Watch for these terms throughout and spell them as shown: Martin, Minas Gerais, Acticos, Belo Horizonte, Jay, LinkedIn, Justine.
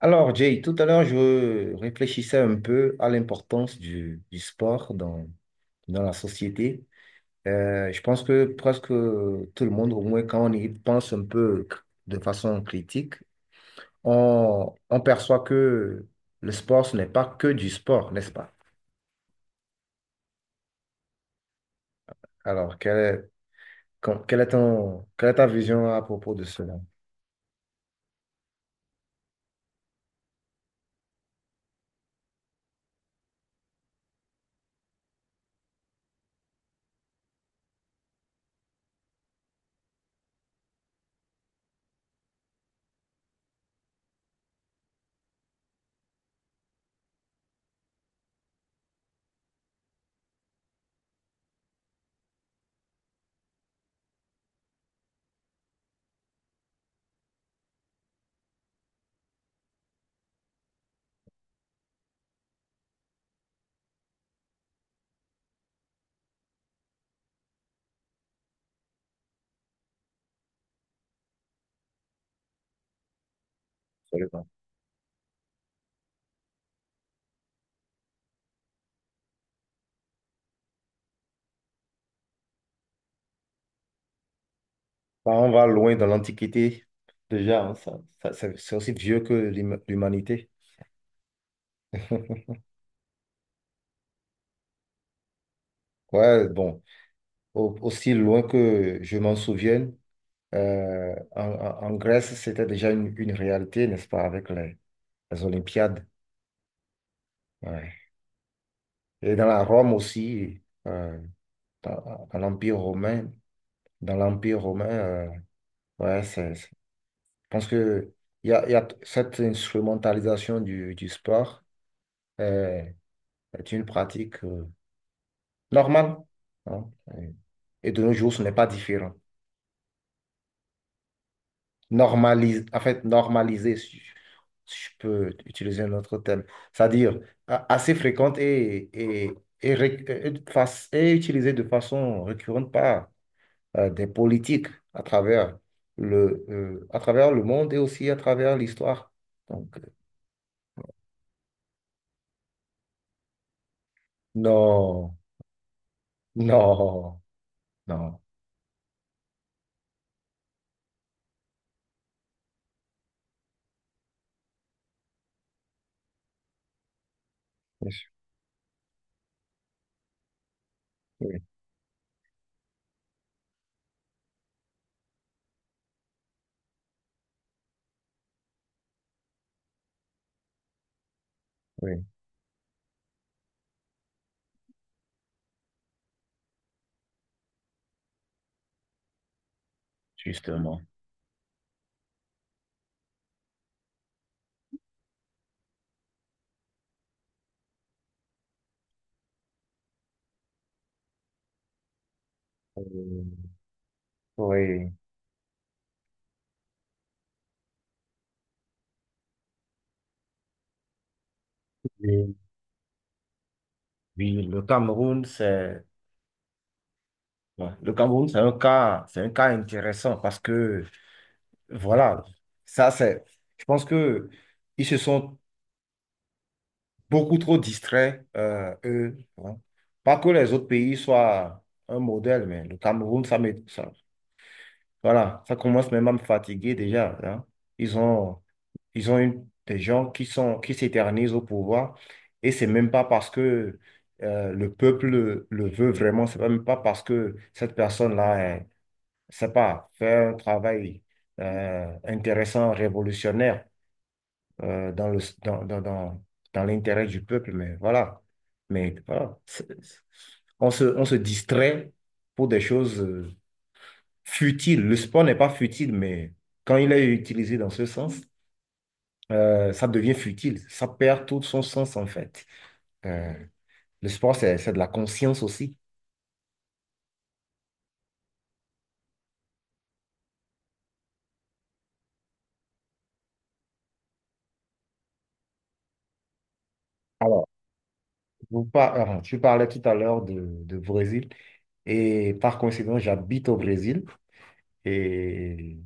Alors, Jay, tout à l'heure, je réfléchissais un peu à l'importance du sport dans la société. Je pense que presque tout le monde, au moins quand on y pense un peu de façon critique, on perçoit que le sport, ce n'est pas que du sport, n'est-ce pas? Alors, quelle est quelle est ta vision à propos de cela? Absolument. Bah, on va loin dans l'Antiquité, déjà, hein, c'est aussi vieux que l'humanité. Ouais, bon. Aussi loin que je m'en souvienne, en Grèce, c'était déjà une réalité, n'est-ce pas, avec les Olympiades. Ouais. Et dans la Rome aussi, euh, dans l'Empire romain, dans l'Empire romain, euh, ouais, c'est, c'est- je pense que il y a, cette instrumentalisation du sport euh, est une pratique normale. Hein. Et de nos jours, ce n'est pas différent. Normaliser, en fait, normaliser, si si je peux utiliser un autre terme, c'est-à-dire assez fréquente et et utilisée de façon récurrente par des politiques à travers à travers le monde et aussi à travers l'histoire. Donc, euh, non, non, non. Oui, oui, oui, justement. Euh, oui, oui, oui, le Cameroun, c'est... Ouais. Le Cameroun, c'est un cas intéressant parce que, voilà, ça c'est, je pense que ils se sont beaucoup trop distraits, eux. Hein. Pas que les autres pays soient un modèle, mais le Cameroun, voilà, ça commence même à me fatiguer déjà. Hein. Ils ont, ils ont des gens qui sont, qui s'éternisent au pouvoir et c'est même pas parce que le peuple le veut vraiment, c'est même pas parce que cette personne-là c'est pas, faire un travail intéressant, révolutionnaire dans le, dans, dans, dans, dans l'intérêt du peuple, mais voilà. Mais voilà, on se distrait pour des choses futiles. Le sport n'est pas futile, mais quand il est utilisé dans ce sens, ça devient futile. Ça perd tout son sens, en fait. Euh, Le sport, c'est de la conscience aussi. Alors, tu parlais tout à l'heure de Brésil et par coïncidence, j'habite au Brésil et,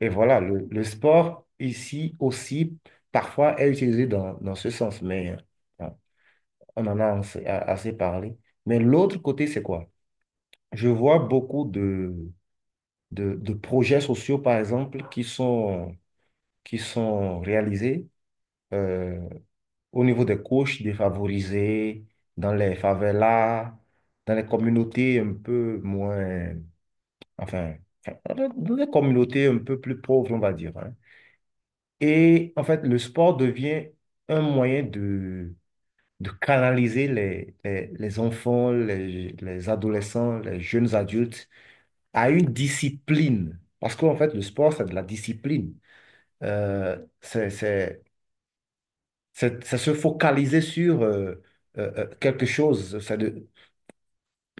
et voilà, le sport ici aussi parfois est utilisé dans ce sens, mais on en a assez parlé. Mais l'autre côté, c'est quoi? Je vois beaucoup de projets sociaux, par exemple, qui sont réalisés euh, au niveau des couches défavorisées, dans les favelas, dans les communautés un peu moins... Enfin, enfin, dans les communautés un peu plus pauvres, on va dire. Hein. Et en fait, le sport devient un moyen de canaliser les enfants, les adolescents, les jeunes adultes à une discipline. Parce qu'en fait, le sport, c'est de la discipline. Euh, c'est, c'est, c'est se focaliser sur quelque chose, c'est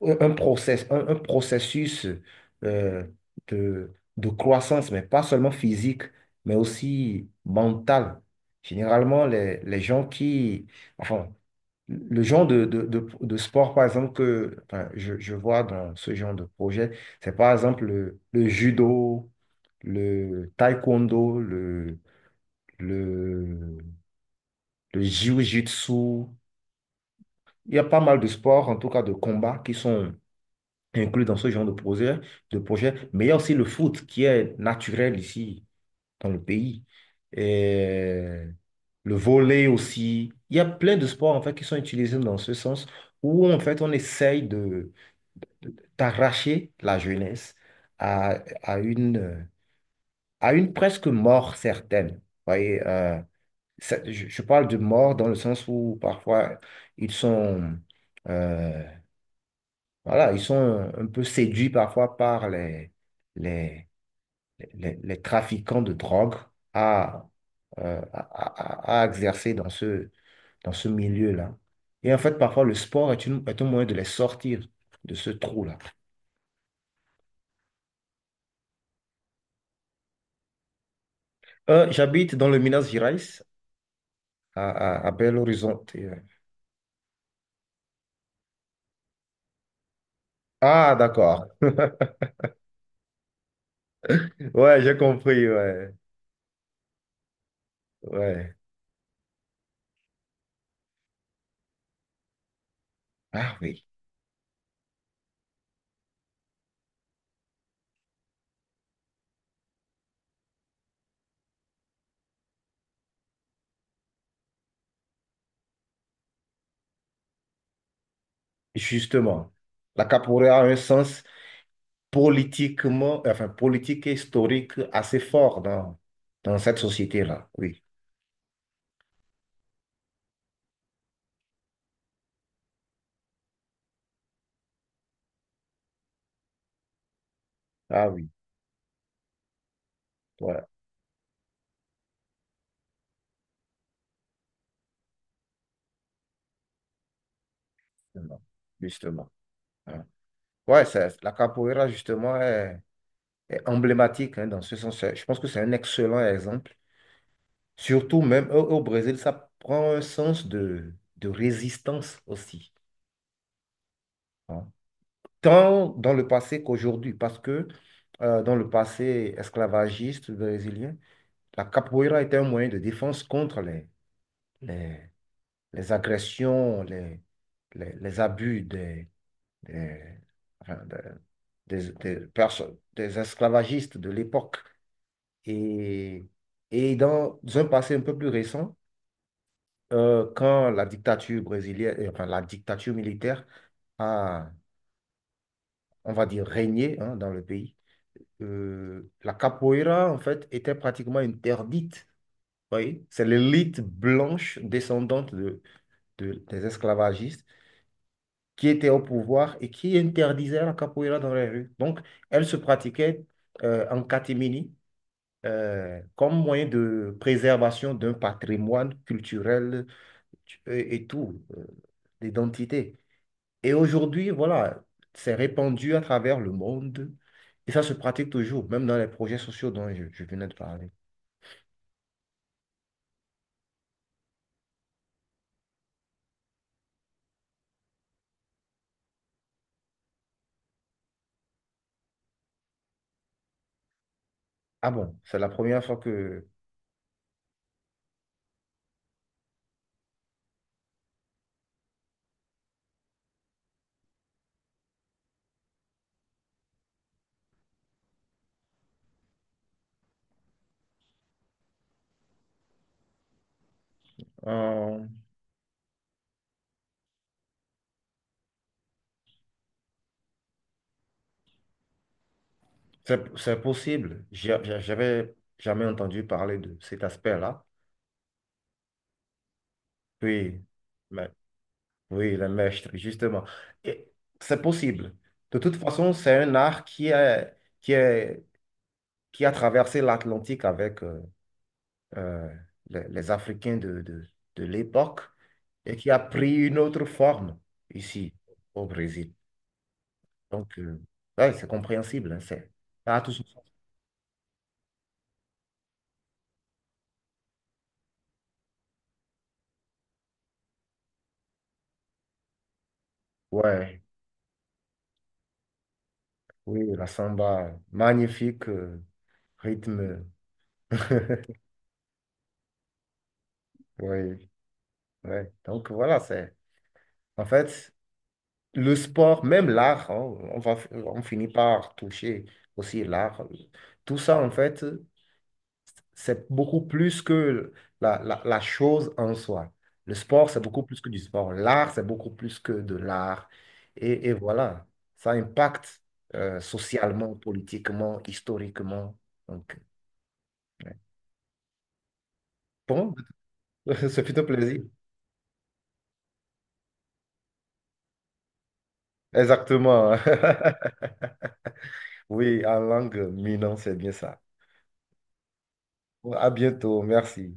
un processus euh, de croissance, mais pas seulement physique, mais aussi mentale. Généralement, les gens qui, enfin, le genre de sport, par exemple, que je vois dans ce genre de projet, c'est par exemple le judo, le taekwondo, le, le jiu-jitsu. Il y a pas mal de sports, en tout cas de combats, qui sont inclus dans ce genre de projet, de projet. Mais il y a aussi le foot qui est naturel ici, dans le pays. Et le volley aussi. Il y a plein de sports, en fait, qui sont utilisés dans ce sens où, en fait, on essaye de t'arracher la jeunesse à, à une, à une presque mort certaine. Vous voyez, je parle de mort dans le sens où parfois ils sont, euh, voilà, ils sont un peu séduits parfois par les, les trafiquants de drogue à, à exercer dans ce milieu-là. Et en fait, parfois, le sport est un moyen de les sortir de ce trou-là. J'habite dans le Minas Gerais. À Belo Horizonte. Ouais. Ah, d'accord. Ouais, j'ai compris, ouais. Ouais. Ah oui, justement, la capoeira a un sens politiquement, enfin politique et historique assez fort dans cette société-là, oui. Ah oui, ouais, justement. Justement. Hein. Ouais, c'est- la capoeira, justement, est, est emblématique, hein, dans ce sens. Je pense que c'est un excellent exemple. Surtout même au Brésil, ça prend un sens de résistance aussi. Hein. Tant dans le passé qu'aujourd'hui, parce que dans le passé esclavagiste brésilien, la capoeira était un moyen de défense contre les, les agressions, les abus des, enfin, de- des esclavagistes de l'époque. Et, et dans un passé un peu plus récent, quand la dictature brésilienne, enfin, la dictature militaire a, on va dire, régné, hein, dans le pays, la capoeira, en fait, était pratiquement interdite. Vous voyez, c'est l'élite blanche descendante des esclavagistes qui était au pouvoir et qui interdisait la capoeira dans les rues. Donc, elle se pratiquait en catimini, comme moyen de préservation d'un patrimoine culturel et l'identité. Et aujourd'hui, voilà, c'est répandu à travers le monde. Et ça se pratique toujours, même dans les projets sociaux dont je venais de parler. Ah bon, c'est la première fois que euh, c'est c'est possible. J'avais jamais entendu parler de cet aspect-là. Oui, mais oui, le mestre, justement. Et c'est possible. De toute façon, c'est un art qui est, qui a traversé l'Atlantique avec euh, les Africains de l'époque et qui a pris une autre forme ici au Brésil. Donc, euh, ouais, c'est compréhensible, hein, ça a tout son sens. Ouais. Oui, la samba, magnifique rythme. Oui, ouais. Donc voilà, c'est en fait le sport, même l'art, hein, on finit par toucher aussi l'art. Tout ça, en fait, c'est beaucoup plus que la chose en soi. Le sport, c'est beaucoup plus que du sport. L'art, c'est beaucoup plus que de l'art. Et voilà, ça impacte socialement, politiquement, historiquement. Donc, bon, ce fut un plaisir. Exactement. Oui, en langue minant, c'est bien ça. À bientôt, merci.